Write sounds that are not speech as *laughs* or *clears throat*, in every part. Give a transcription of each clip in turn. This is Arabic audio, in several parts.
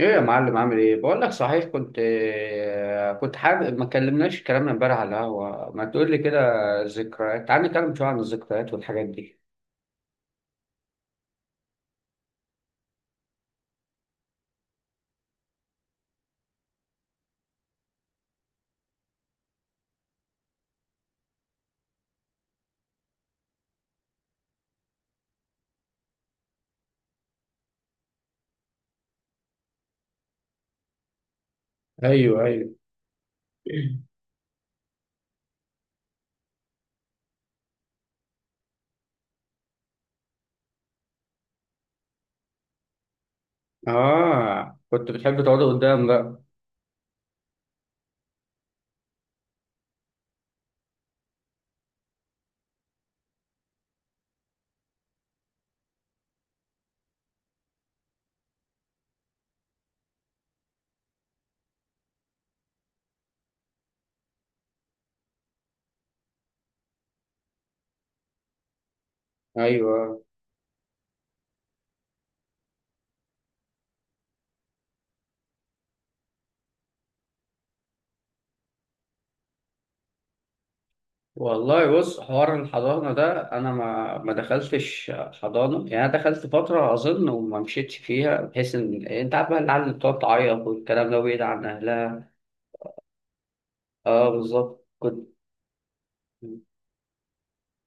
ايه، يا معلم عامل ايه؟ بقول لك صحيح، كنت حابب ما كلمناش كلامنا امبارح على القهوه. ما تقول لي كده ذكريات. تعال نتكلم شويه عن الذكريات والحاجات دي. ايوه، ايوه. اه، كنت بتحب تقعد قدام بقى. ايوه، والله بص، حوار الحضانه ده انا ما دخلتش حضانه، يعني انا دخلت فتره اظن وما مشيتش فيها، بحيث ان انت عارف بقى العيال اللي بتقعد تعيط والكلام ده بعيد عن اهلها. اه، بالظبط كنت.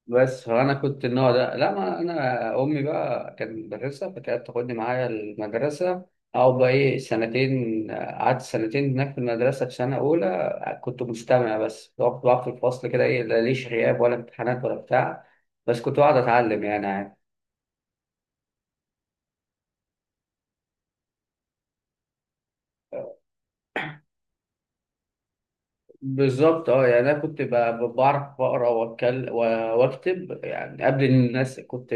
بس فانا كنت النوع ده لا، ما انا امي بقى كانت مدرسه فكانت تاخدني معايا المدرسه. او بقى ايه، سنتين قعدت سنتين هناك في المدرسه، في سنه اولى كنت مستمع بس، كنت بقعد في الفصل كده، ايه لا ليش غياب ولا امتحانات ولا بتاع، بس كنت بقعد اتعلم يعني. بالظبط، اه يعني انا كنت بعرف اقرا واتكلم واكتب يعني قبل الناس، كنت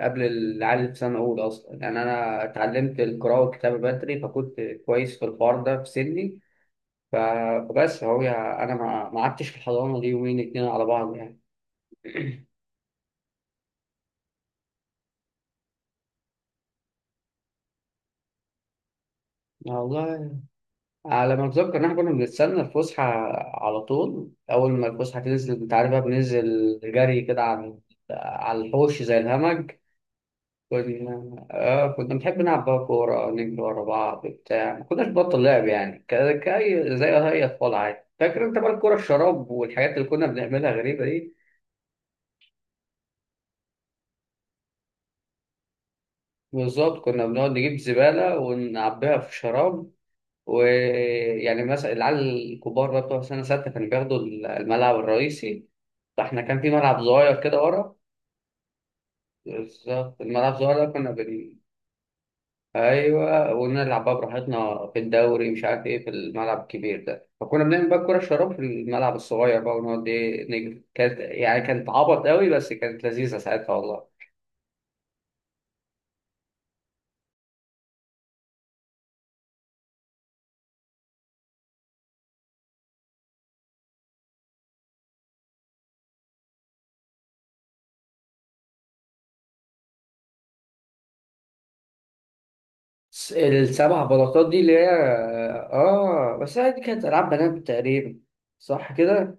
قبل العيال اللي في سنه اولى اصلا يعني. انا اتعلمت القراءه والكتابه بدري، فكنت كويس في الحوار ده في سني. ف- فبس هو يعني انا ما قعدتش في الحضانه دي يومين اتنين على بعض يعني. والله على ما اتذكر ان احنا كنا بنستنى الفسحه، على طول اول ما الفسحه تنزل انت عارف بقى بننزل جري كده على الحوش زي الهمج. كنا آه كنا بنحب نلعب بقى كورة، نجري ورا بعض بتاع، ما كناش بطل لعب يعني، كأي زي أي أطفال عادي. فاكر أنت بقى الكورة الشراب والحاجات اللي كنا بنعملها غريبة دي؟ بالظبط، كنا بنقعد نجيب زبالة ونعبيها في شراب. ويعني مثلا العيال الكبار بقى بتوع سنة ستة كانوا بياخدوا الملعب الرئيسي، فاحنا كان في ملعب صغير كده ورا. بالظبط، الملعب الصغير ده كنا ايوه، ونلعب بقى براحتنا في الدوري مش عارف ايه في الملعب الكبير ده. فكنا بنعمل بقى الكوره الشراب في الملعب الصغير بقى، ونقعد ايه نجري. كانت يعني كانت عبط قوي، بس كانت لذيذه ساعتها والله. السبع بلاطات دي اللي هي، اه بس هي دي كانت العاب بنات تقريبا، صح كده؟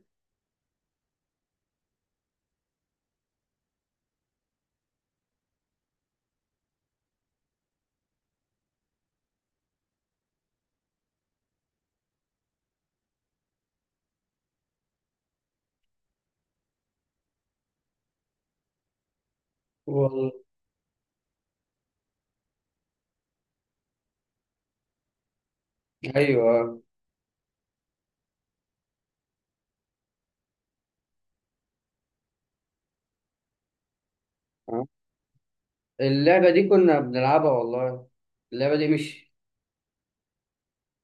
والله ايوه، آه. اللعبه دي كنا بنلعبها والله. اللعبه دي مش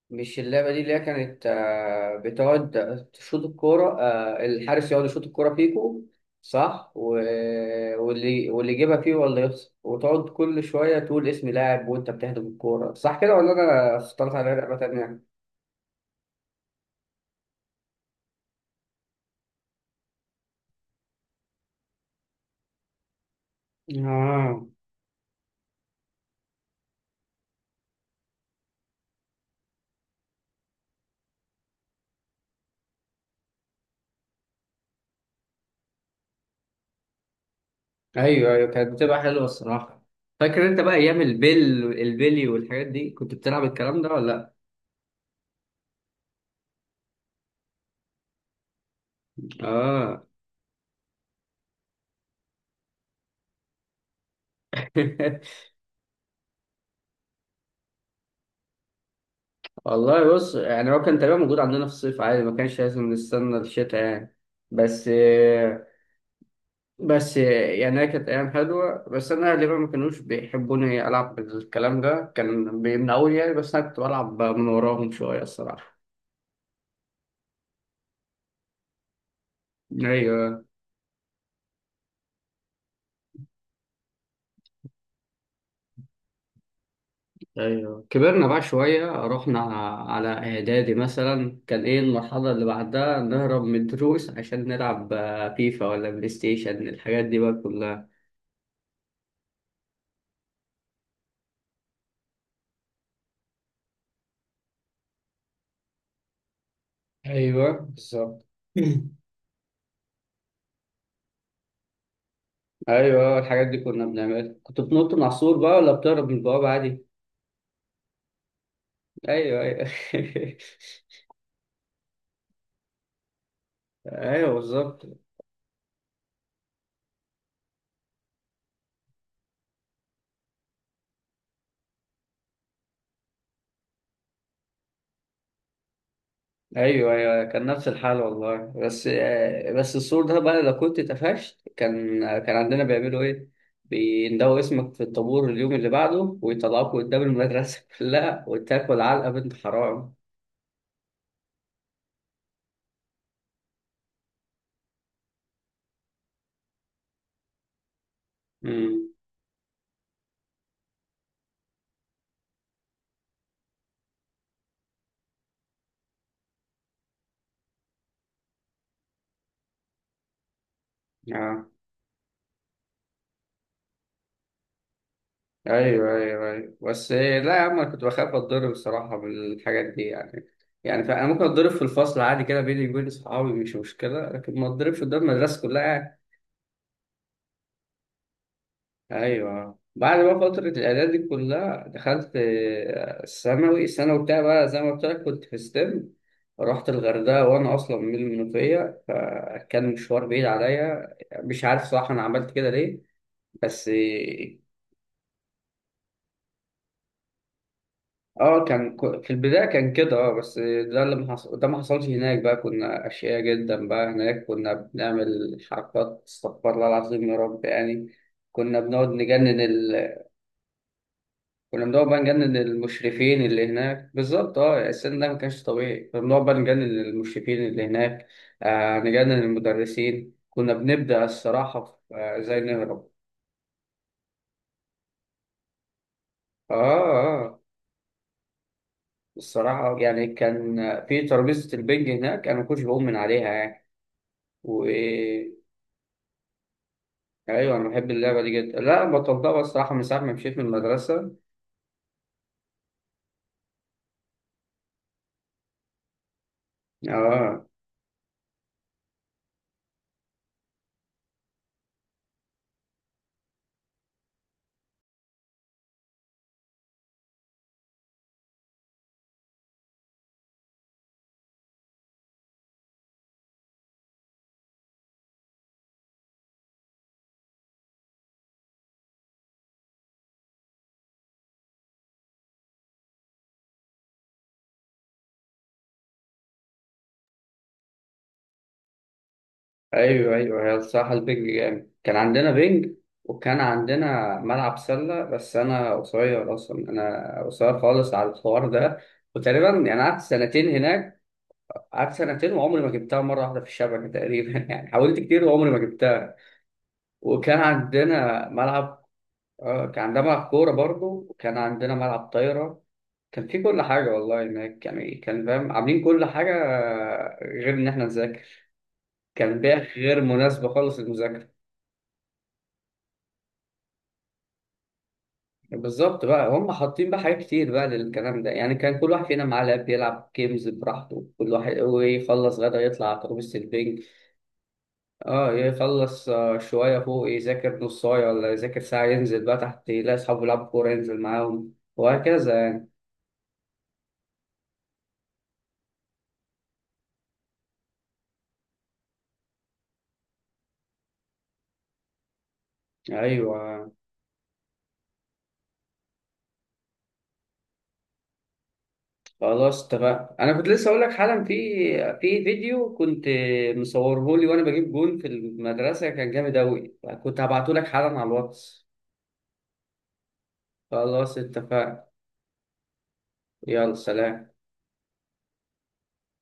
مش اللعبة دي، اللي هي كانت بتقعد تشوط الكورة، الحارس يقعد يشوط الكورة فيكو، صح؟ واللي يجيبها فيه، ولا يخسر، وتقعد كل شوية تقول اسم لاعب وأنت بتهدف الكورة، صح كده ولا أنا اخترت على لعبة تانية؟ آه، أيوه أيوه، كانت بتبقى حلوة الصراحة. فاكر أنت بقى أيام البلي والحاجات دي، كنت بتلعب الكلام ده ولا لأ؟ آه. *laughs* والله بص، يعني هو كان تقريبا موجود عندنا في الصيف عادي، ما كانش لازم نستنى الشتاء يعني. بس بس يعني هي كانت أيام حلوة، بس أنا أهلي بقى ما كانوش بيحبوني ألعب الكلام ده، كان بيمنعوني يعني، بس أنا كنت بلعب من وراهم شوية الصراحة. أيوه أيوه، كبرنا بقى شوية، رحنا على إعدادي مثلا، كان إيه المرحلة اللي بعدها؟ نهرب من الدروس عشان نلعب فيفا ولا بلاي ستيشن، الحاجات دي بقى كلها. ايوه بالظبط. *clears throat* *laughs* ايوه، الحاجات دي كنا بنعملها. كنت بتنط من على السور بقى، ولا بتهرب من البوابه عادي؟ ايوه ايوه. *laughs* ايوه بالظبط. ايوه ايوه، كان نفس الحال والله. بس بس السور ده بقى لو كنت اتقفشت، كان عندنا بيعملوا ايه؟ بيندوا اسمك في الطابور اليوم اللي بعده، ويطلعوك قدام المدرسه *laughs* كلها، وتاكل علقه بنت حرام. امم ايوه ايوه ايوه، بس لا يا عم، انا كنت بخاف اتضرب الصراحه من الحاجات دي يعني. يعني فانا ممكن اتضرب في الفصل عادي كده بيني وبين اصحابي، مش مشكله، لكن ما اتضربش قدام المدرسه كلها يعني. ايوه، بعد بقى فتره الاعداد دي كلها، دخلت الثانوي. الثانوي بتاعي بقى زي ما قلت لك، كنت في ستيم، رحت الغردقه، وانا اصلا من المنوفيه، فكان مشوار بعيد عليا. مش عارف صراحه انا عملت كده ليه، بس اه كان في البداية كان كده، اه بس ده اللي ما حصل، ده ما حصلش هناك بقى. كنا أشقياء جدا بقى هناك، كنا بنعمل حركات استغفر الله العظيم يا رب يعني. كنا بنقعد نجنن ال... كنا بنقعد بقى نجنن المشرفين اللي هناك. بالظبط، اه السن ده ما كانش طبيعي، كنا بنقعد بقى نجنن المشرفين اللي هناك. آه، نجنن المدرسين. كنا بنبدأ الصراحة زي نهرب. اه اه، آه. الصراحة يعني كان في ترابيزة البنج هناك، أنا ما كنتش بقوم من عليها يعني. و ايوه، انا بحب اللعبه دي جدا، لا بطلتها بقى الصراحه من ساعه ما مشيت من المدرسه. اه، ايوه ايوه، هي الصراحه البنج جامد. كان عندنا بنج، وكان عندنا ملعب سله، بس انا قصير اصلا، انا قصير خالص على الحوار ده. وتقريبا يعني قعدت سنتين هناك. قعدت سنتين وعمري ما جبتها مره واحده في الشبكه تقريبا. *laughs* يعني حاولت كتير وعمري ما جبتها. وكان عندنا ملعب اه كان عندنا ملعب كورة برضه، وكان عندنا ملعب طايرة. كان في كل حاجة والله هناك يعني، كان فاهم عاملين كل حاجة غير إن إحنا نذاكر. كان بيئة غير مناسبة خالص للمذاكرة. بالظبط، بقى هم حاطين بقى حاجات كتير بقى للكلام ده يعني. كان كل واحد فينا معاه لاب يلعب جيمز براحته كل واحد، ويخلص غدا يطلع على ترابيزة البنج. اه، يخلص شوية فوق يذاكر نص ساعة ولا يذاكر ساعة، ينزل بقى تحت يلاقي أصحابه يلعبوا كورة، ينزل معاهم وهكذا. أيوه، خلاص اتفقنا. انا كنت لسه اقول لك حالا، في فيديو كنت مصوره لي وانا بجيب جون في المدرسه، كان جامد اوي. كنت هبعته لك حالا على الواتس. خلاص اتفقنا، يلا سلام.